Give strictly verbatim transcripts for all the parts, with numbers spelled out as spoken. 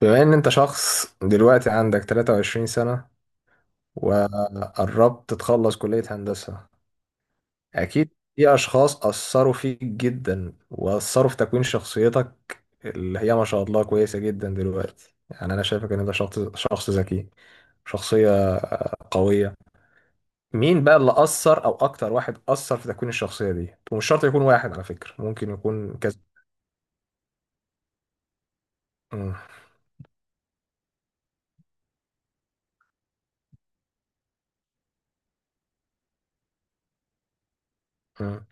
بما ان انت شخص دلوقتي عندك 23 سنة، وقربت تخلص كلية هندسة، اكيد في اشخاص اثروا فيك جدا واثروا في تكوين شخصيتك اللي هي ما شاء الله كويسة جدا دلوقتي. يعني انا شايفك ان انت شخص شخص ذكي، شخصية قوية. مين بقى اللي اثر، او اكتر واحد اثر في تكوين الشخصية دي؟ ومش شرط يكون واحد على فكرة، ممكن يكون كذا. مم. مم.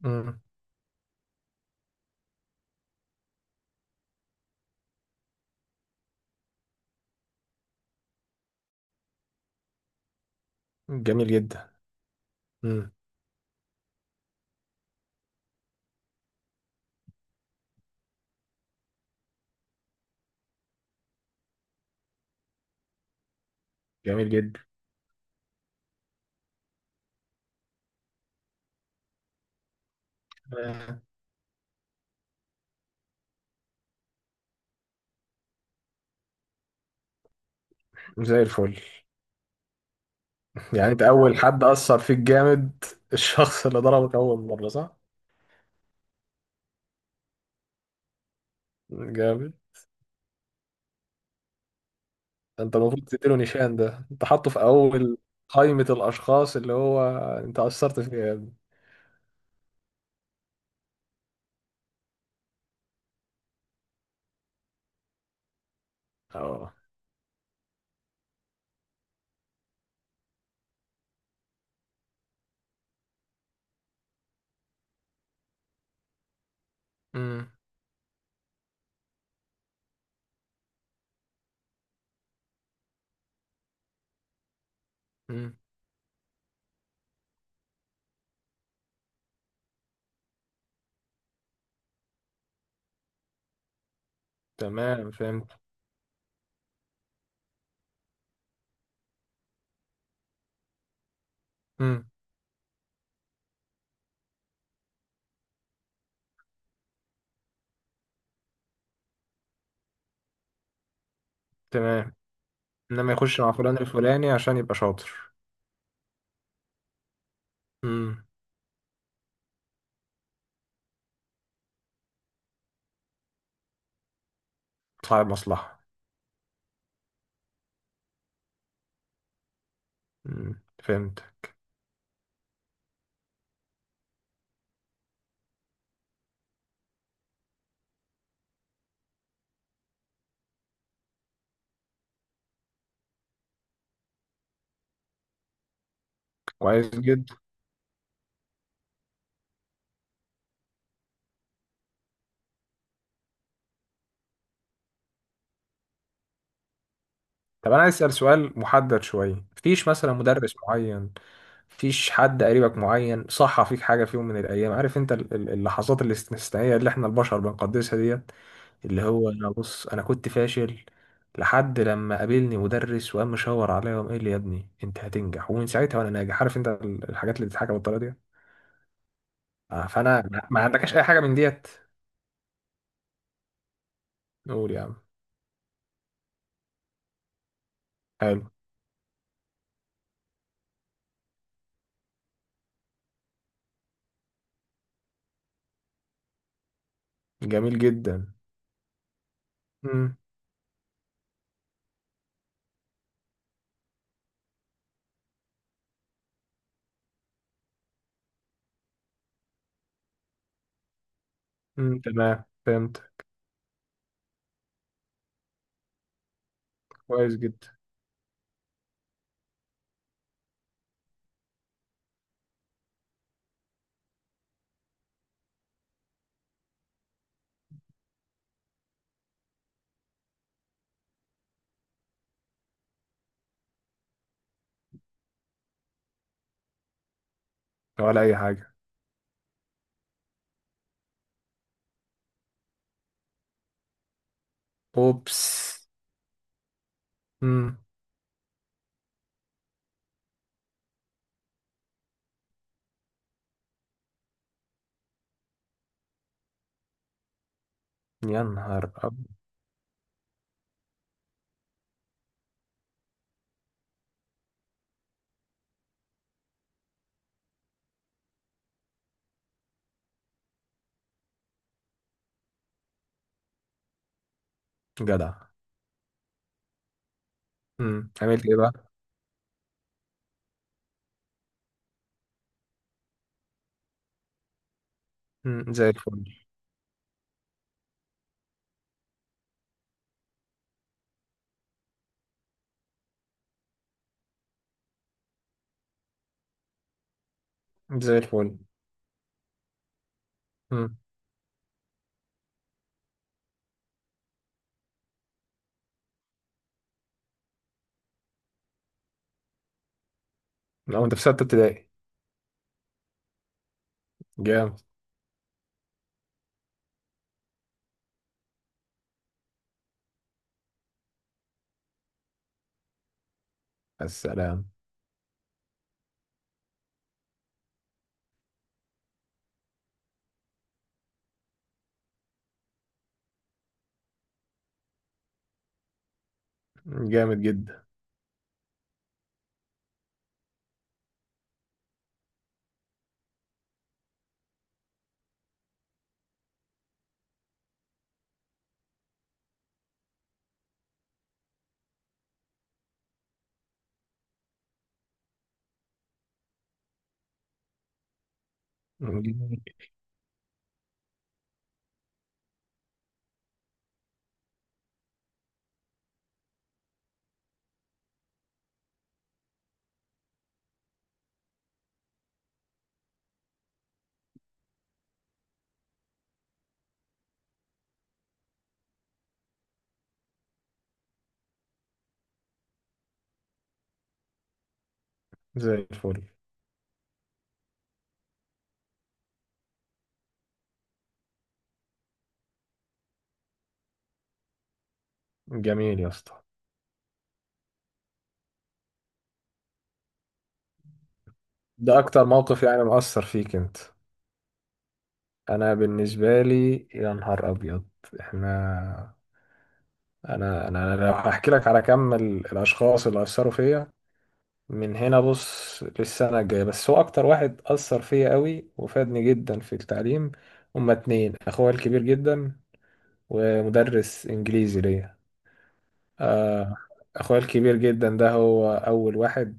مم. جميل جدا. مم. جميل جدا. زي الفل. يعني انت اول حد اثر فيك جامد الشخص اللي ضربك اول مره، صح؟ جامد. انت المفروض تديله نيشان، ده انت حاطه في اول قائمه الاشخاص اللي هو انت اثرت فيه يا ابني. اه. امم. امم. تمام، فهمت. امم. تمام، انما يخش مع فلان الفلاني عشان يبقى شاطر. امم. صاحب مصلحه. امم، فهمت. كويس جدا. طب انا عايز اسال سؤال محدد شويه، مفيش مثلا مدرس معين، مفيش حد قريبك معين صح فيك حاجه في يوم من الايام؟ عارف انت ال- ال- اللحظات الاستثنائيه اللي احنا البشر بنقدسها ديت، اللي هو: انا بص انا كنت فاشل لحد لما قابلني مدرس وقام مشاور عليا وقام قال لي يا ابني انت هتنجح، ومن ساعتها وانا ناجح. عارف انت ال- الحاجات اللي بتتحكى بالطريقه دي؟ آه، فانا ما ما عندكش اي حاجه من ديت. قول يا عم. حلو. جميل جدا. امم. تمام، فهمت. كويس جدا. ولا اي حاجه. اوبس. امم. يا نهار أب... جدع. امم، عملت ايه بقى؟ امم، زي الفل. زي الفل. امم. لو انت في ستة ابتدائي. جامد. السلام. جامد جدا. جميل. زي الفل. جميل يا اسطى. ده اكتر موقف يعني مؤثر فيك انت؟ انا بالنسبة لي، يا نهار ابيض! احنا، انا انا أنا لو هحكي لك على كم ال- الاشخاص اللي اثروا فيا من هنا بص للسنة الجاية. بس هو أكتر واحد أثر فيا قوي وفادني جدا في التعليم، هما اتنين: أخويا الكبير جدا، ومدرس إنجليزي ليا. آه، أخويا الكبير جدا ده هو أول واحد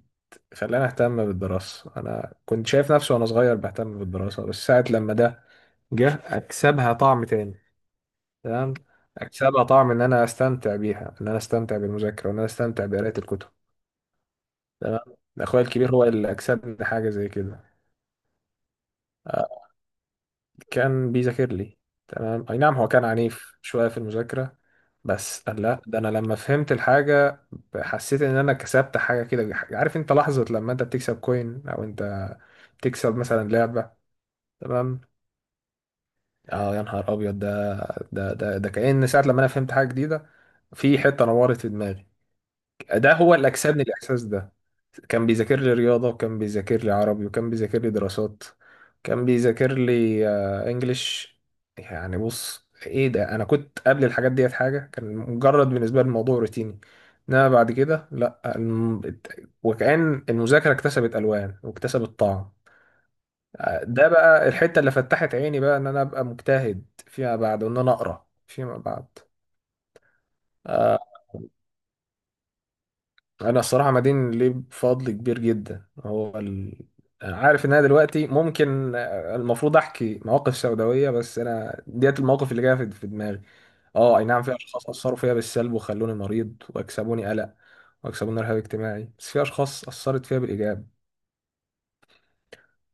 خلاني أهتم بالدراسة. أنا كنت شايف نفسي وأنا صغير بهتم بالدراسة، بس ساعة لما ده جه أكسبها طعم تاني. تمام، أكسبها طعم إن أنا أستمتع بيها، إن أنا أستمتع بالمذاكرة، وإن أنا أستمتع بقراءة الكتب. تمام. أخويا الكبير هو اللي أكسبني حاجة زي كده. آه، كان بيذاكر لي. تمام، اي نعم، هو كان عنيف شوية في المذاكرة. بس قال لا، ده انا لما فهمت الحاجة حسيت ان انا كسبت حاجة كده. عارف انت لحظة لما انت بتكسب كوين او انت بتكسب مثلا لعبة؟ تمام. اه يا نهار ابيض، ده ده ده ده كأن ساعة لما انا فهمت حاجة جديدة، في حتة نورت في دماغي. ده هو اللي أكسبني الإحساس ده. كان بيذاكر لي رياضة، وكان بيذاكر لي عربي، وكان بيذاكر لي دراسات، كان بيذاكر لي آه، إنجليش. يعني بص إيه ده، أنا كنت قبل الحاجات ديت حاجة كان مجرد بالنسبة لي الموضوع روتيني، إنما بعد كده لأ. الم- وكأن المذاكرة اكتسبت ألوان واكتسبت طعم. آه، ده بقى الحتة اللي فتحت عيني بقى إن أنا أبقى مجتهد فيما بعد، وإن أنا أقرأ فيما بعد. آه، انا الصراحه مدين ليه بفضل كبير جدا. هو ال... أنا عارف ان انا دلوقتي ممكن آه، المفروض احكي مواقف سوداويه، بس انا ديت المواقف اللي جايه في في دماغي. اه، اي نعم، في اشخاص اثروا فيا بالسلب وخلوني مريض واكسبوني قلق واكسبوني رهاب اجتماعي، بس في اشخاص اثرت فيا بالايجاب.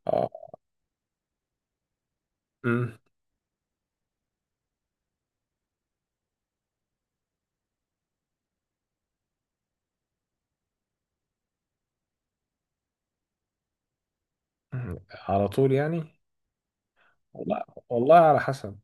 اه. أمم. على طول يعني؟ لا والله، على حسب.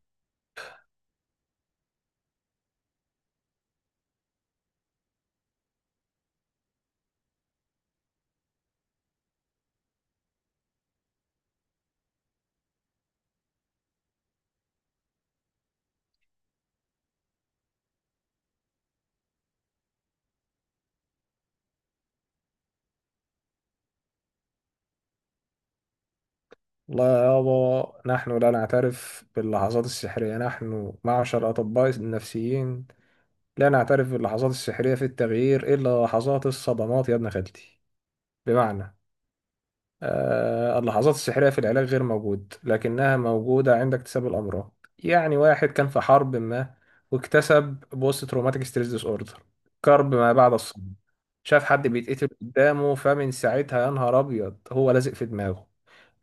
لا يابا، نحن لا نعترف باللحظات السحرية، نحن معشر أطباء النفسيين لا نعترف باللحظات السحرية في التغيير، إلا لحظات الصدمات يا ابن خالتي. بمعنى؟ آه، اللحظات السحرية في العلاج غير موجود، لكنها موجودة عند اكتساب الأمراض. يعني واحد كان في حرب ما واكتسب بوست تروماتيك ستريس ديس أوردر، كرب ما بعد الصدمة، شاف حد بيتقتل قدامه، فمن ساعتها يا نهار أبيض هو لازق في دماغه.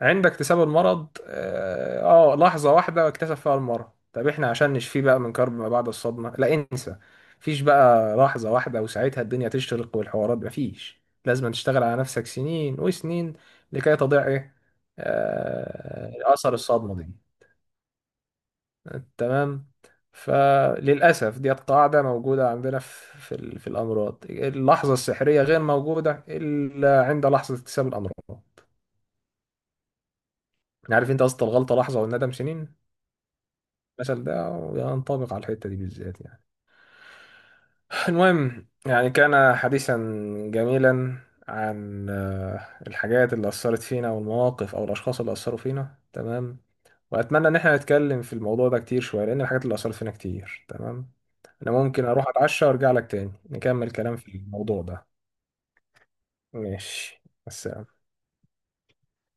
عند اكتساب المرض اه آه، لحظة واحدة اكتسب فيها المرض. طب احنا عشان نشفيه بقى من كرب ما بعد الصدمة، لا انسى، مفيش بقى لحظة واحدة وساعتها الدنيا تشتغل والحوارات. مفيش، لازم تشتغل على نفسك سنين وسنين لكي تضيع ايه؟ آه، اثر الصدمة دي. تمام. فللأسف ديت قاعدة موجودة عندنا في في ال- في الأمراض: اللحظة السحرية غير موجودة إلا عند لحظة اكتساب الأمراض. يعني عارف انت قصة الغلطة لحظة والندم سنين؟ المثل ده ينطبق على الحتة دي بالذات. يعني المهم، يعني كان حديثا جميلا عن آه، الحاجات اللي أثرت فينا والمواقف أو الأشخاص اللي أثروا فينا. تمام، وأتمنى إن احنا نتكلم في الموضوع ده كتير شوية، لأن الحاجات اللي أثرت فينا كتير. تمام، أنا ممكن أروح أتعشى وأرجع لك تاني نكمل كلام في الموضوع ده. ماشي. بس